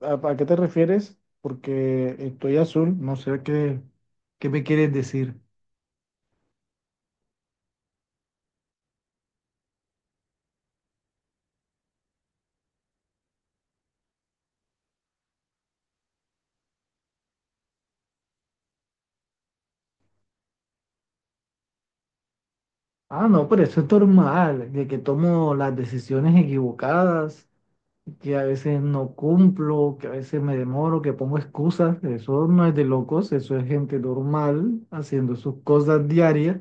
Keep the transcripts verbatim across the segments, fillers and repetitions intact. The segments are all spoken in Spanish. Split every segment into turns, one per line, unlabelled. ¿A, a qué te refieres? Porque estoy azul, no sé qué, qué me quieres decir. Ah, no, pero eso es normal, de que tomo las decisiones equivocadas, que a veces no cumplo, que a veces me demoro, que pongo excusas. Eso no es de locos, eso es gente normal haciendo sus cosas diarias.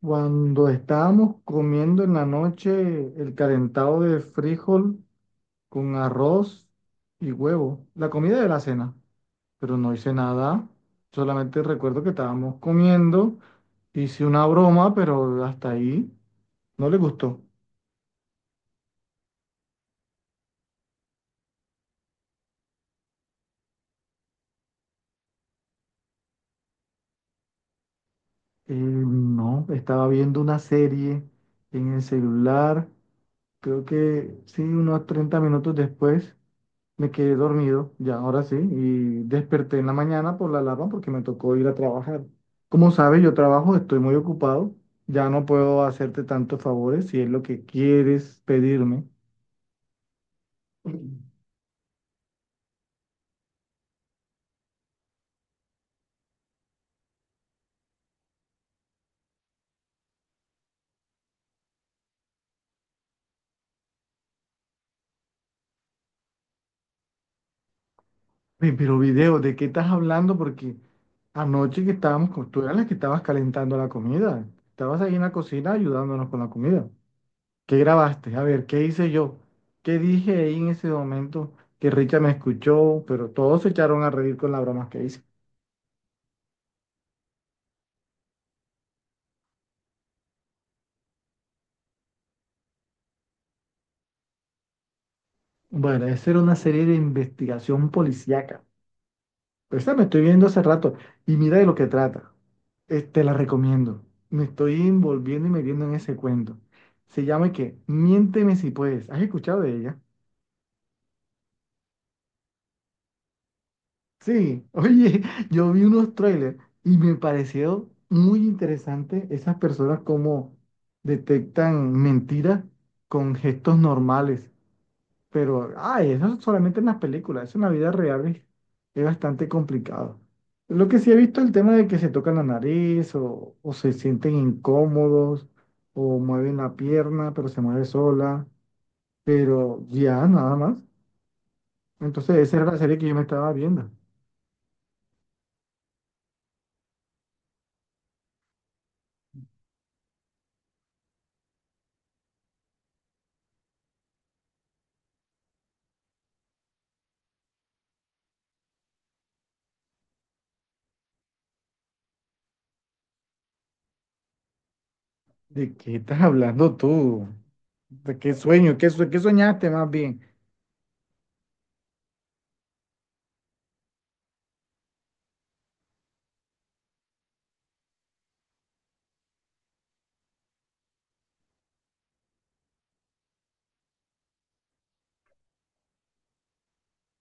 Cuando estábamos comiendo en la noche el calentado de frijol con arroz y huevo, la comida de la cena, pero no hice nada. Solamente recuerdo que estábamos comiendo, hice una broma, pero hasta ahí no le gustó. Eh, no, estaba viendo una serie en el celular. Creo que sí, unos treinta minutos después me quedé dormido, ya ahora sí, y desperté en la mañana por la alarma porque me tocó ir a trabajar. Como sabes, yo trabajo, estoy muy ocupado, ya no puedo hacerte tantos favores si es lo que quieres pedirme. Oye, pero video, ¿de qué estás hablando? Porque anoche que estábamos, con- tú eras la que estabas calentando la comida. Estabas ahí en la cocina ayudándonos con la comida. ¿Qué grabaste? A ver, ¿qué hice yo? ¿Qué dije ahí en ese momento que Richa me escuchó? Pero todos se echaron a reír con las bromas que hice. Bueno, esa era una serie de investigación policíaca. Esa me estoy viendo hace rato y mira de lo que trata. Eh, te la recomiendo. Me estoy envolviendo y metiendo en ese cuento. Se llama que Miénteme si puedes. ¿Has escuchado de ella? Sí, oye, yo vi unos trailers y me pareció muy interesante esas personas como detectan mentiras con gestos normales. Pero, ay, eso es solamente en las películas, eso en la vida real es, es bastante complicado. Lo que sí he visto es el tema de que se tocan la nariz o, o se sienten incómodos o mueven la pierna, pero se mueve sola, pero ya, nada más. Entonces, esa era la serie que yo me estaba viendo. ¿De qué estás hablando tú? ¿De qué sueño? ¿Qué, sue- Qué soñaste más bien?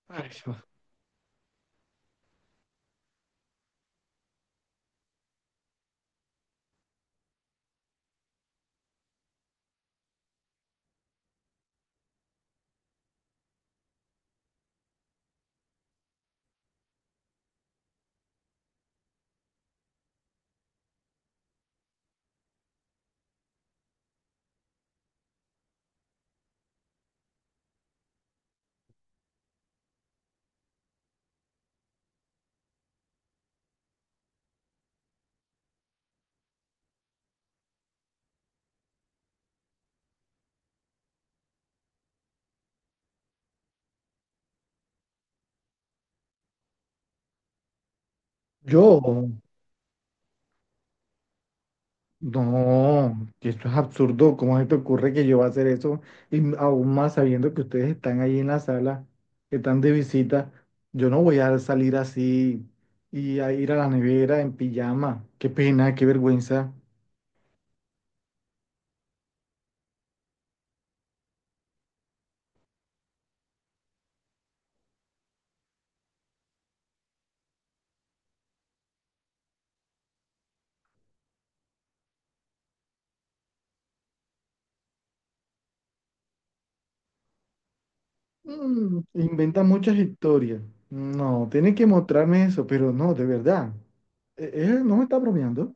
Ay, yo. Yo, no, que esto es absurdo. ¿Cómo se te ocurre que yo voy a hacer eso? Y m- aún más sabiendo que ustedes están ahí en la sala, que están de visita, yo no voy a salir así y a ir a la nevera en pijama. Qué pena, qué vergüenza. Mm, inventa muchas historias. No, tiene que mostrarme eso, pero no, de verdad. E- Él no me está bromeando.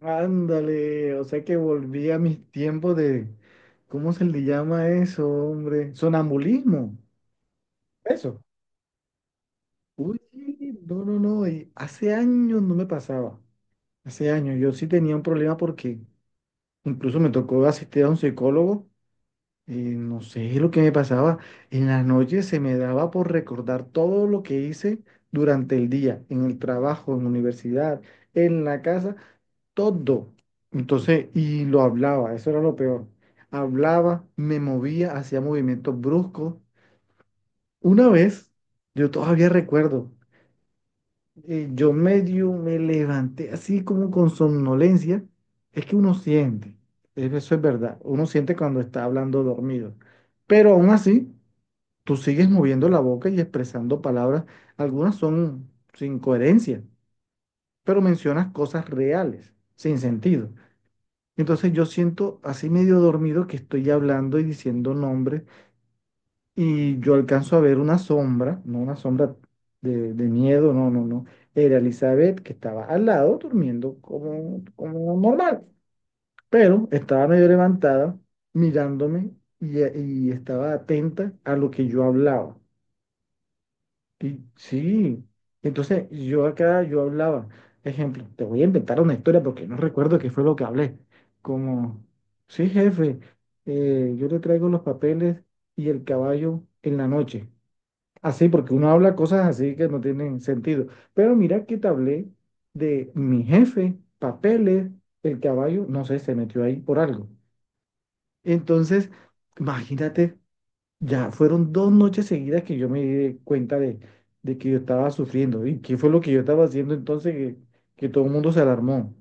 Ándale, o sea que volví a mis tiempos de, ¿cómo se le llama eso, hombre? Sonambulismo. Eso. Uy, sí, no, no, no, eh, hace años no me pasaba, hace años yo sí tenía un problema porque incluso me tocó asistir a un psicólogo y no sé lo que me pasaba, en las noches se me daba por recordar todo lo que hice durante el día, en el trabajo, en la universidad, en la casa, todo. Entonces, y lo hablaba, eso era lo peor. Hablaba, me movía, hacía movimientos bruscos. Una vez, yo todavía recuerdo. Eh, yo medio me levanté así como con somnolencia. Es que uno siente, es- eso es verdad, uno siente cuando está hablando dormido. Pero aún así, tú sigues moviendo la boca y expresando palabras. Algunas son sin coherencia, pero mencionas cosas reales, sin sentido. Entonces yo siento así medio dormido que estoy hablando y diciendo nombres y yo alcanzo a ver una sombra, no una sombra de, de miedo, no, no, no. Era Elizabeth que estaba al lado durmiendo como, como normal, pero estaba medio levantada mirándome y, y estaba atenta a lo que yo hablaba. Y sí, entonces yo acá yo hablaba, ejemplo, te voy a inventar una historia porque no recuerdo qué fue lo que hablé. Como, sí, jefe, eh, yo le traigo los papeles y el caballo en la noche. Así, porque uno habla cosas así que no tienen sentido. Pero mira que te hablé de mi jefe, papeles, el caballo, no sé, se metió ahí por algo. Entonces, imagínate, ya fueron dos noches seguidas que yo me di cuenta de, de que yo estaba sufriendo. ¿Y qué fue lo que yo estaba haciendo entonces que, que todo el mundo se alarmó?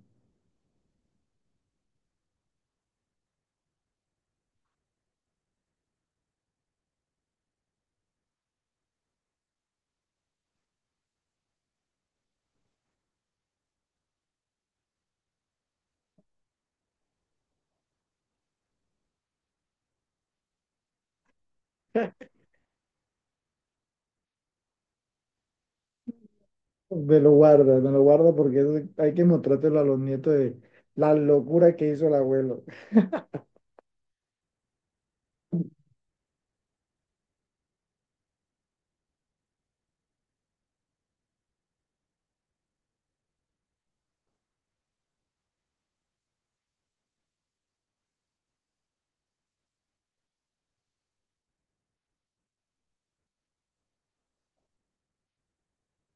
Me lo guarda, me lo guarda porque eso hay que mostrártelo a los nietos de la locura que hizo el abuelo.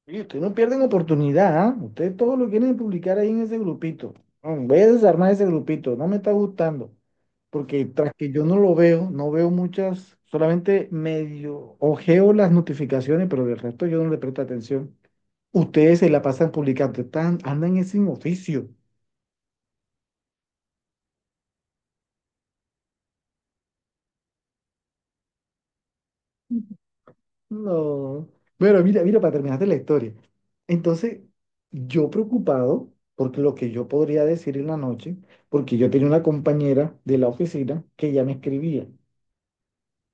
Oye, ustedes no pierden oportunidad, ¿ah? Ustedes todo lo quieren publicar ahí en ese grupito. Mm, Voy a desarmar ese grupito, no me está gustando. Porque tras que yo no lo veo, no veo muchas, solamente medio ojeo las notificaciones, pero del resto yo no le presto atención. Ustedes se la pasan publicando, están, andan es sin oficio. No. Bueno, mira, mira, para terminarte la historia. Entonces, yo preocupado por lo que yo podría decir en la noche, porque yo tenía una compañera de la oficina que ya me escribía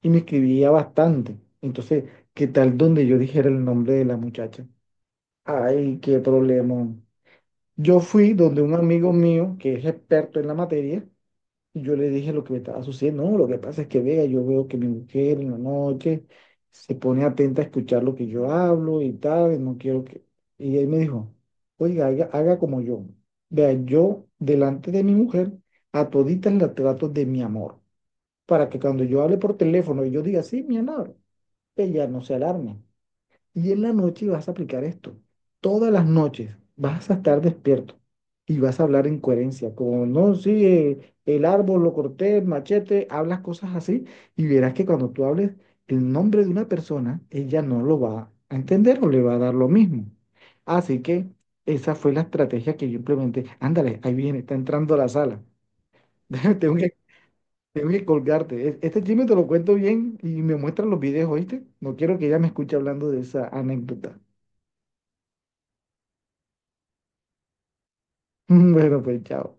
y me escribía bastante. Entonces, ¿qué tal donde yo dijera el nombre de la muchacha? Ay, qué problema. Yo fui donde un amigo mío que es experto en la materia y yo le dije lo que me estaba sucediendo. No, lo que pasa es que vea, yo veo que mi mujer en la noche se pone atenta a escuchar lo que yo hablo y tal, y no quiero que... Y él me dijo, oiga, haga, haga como yo. Vea, yo delante de mi mujer a toditas las trato de mi amor, para que cuando yo hable por teléfono y yo diga, sí, mi amor, ella no se alarme. Y en la noche vas a aplicar esto. Todas las noches vas a estar despierto y vas a hablar en coherencia. Como no, sí, eh, el árbol lo corté, el machete, hablas cosas así y verás que cuando tú hables el nombre de una persona, ella no lo va a entender o le va a dar lo mismo. Así que esa fue la estrategia que yo implementé. Ándale, ahí viene, está entrando a la sala. Tengo que, tengo que colgarte. E- Este chisme te lo cuento bien y me muestran los videos, ¿oíste? No quiero que ella me escuche hablando de esa anécdota. Bueno, pues chao.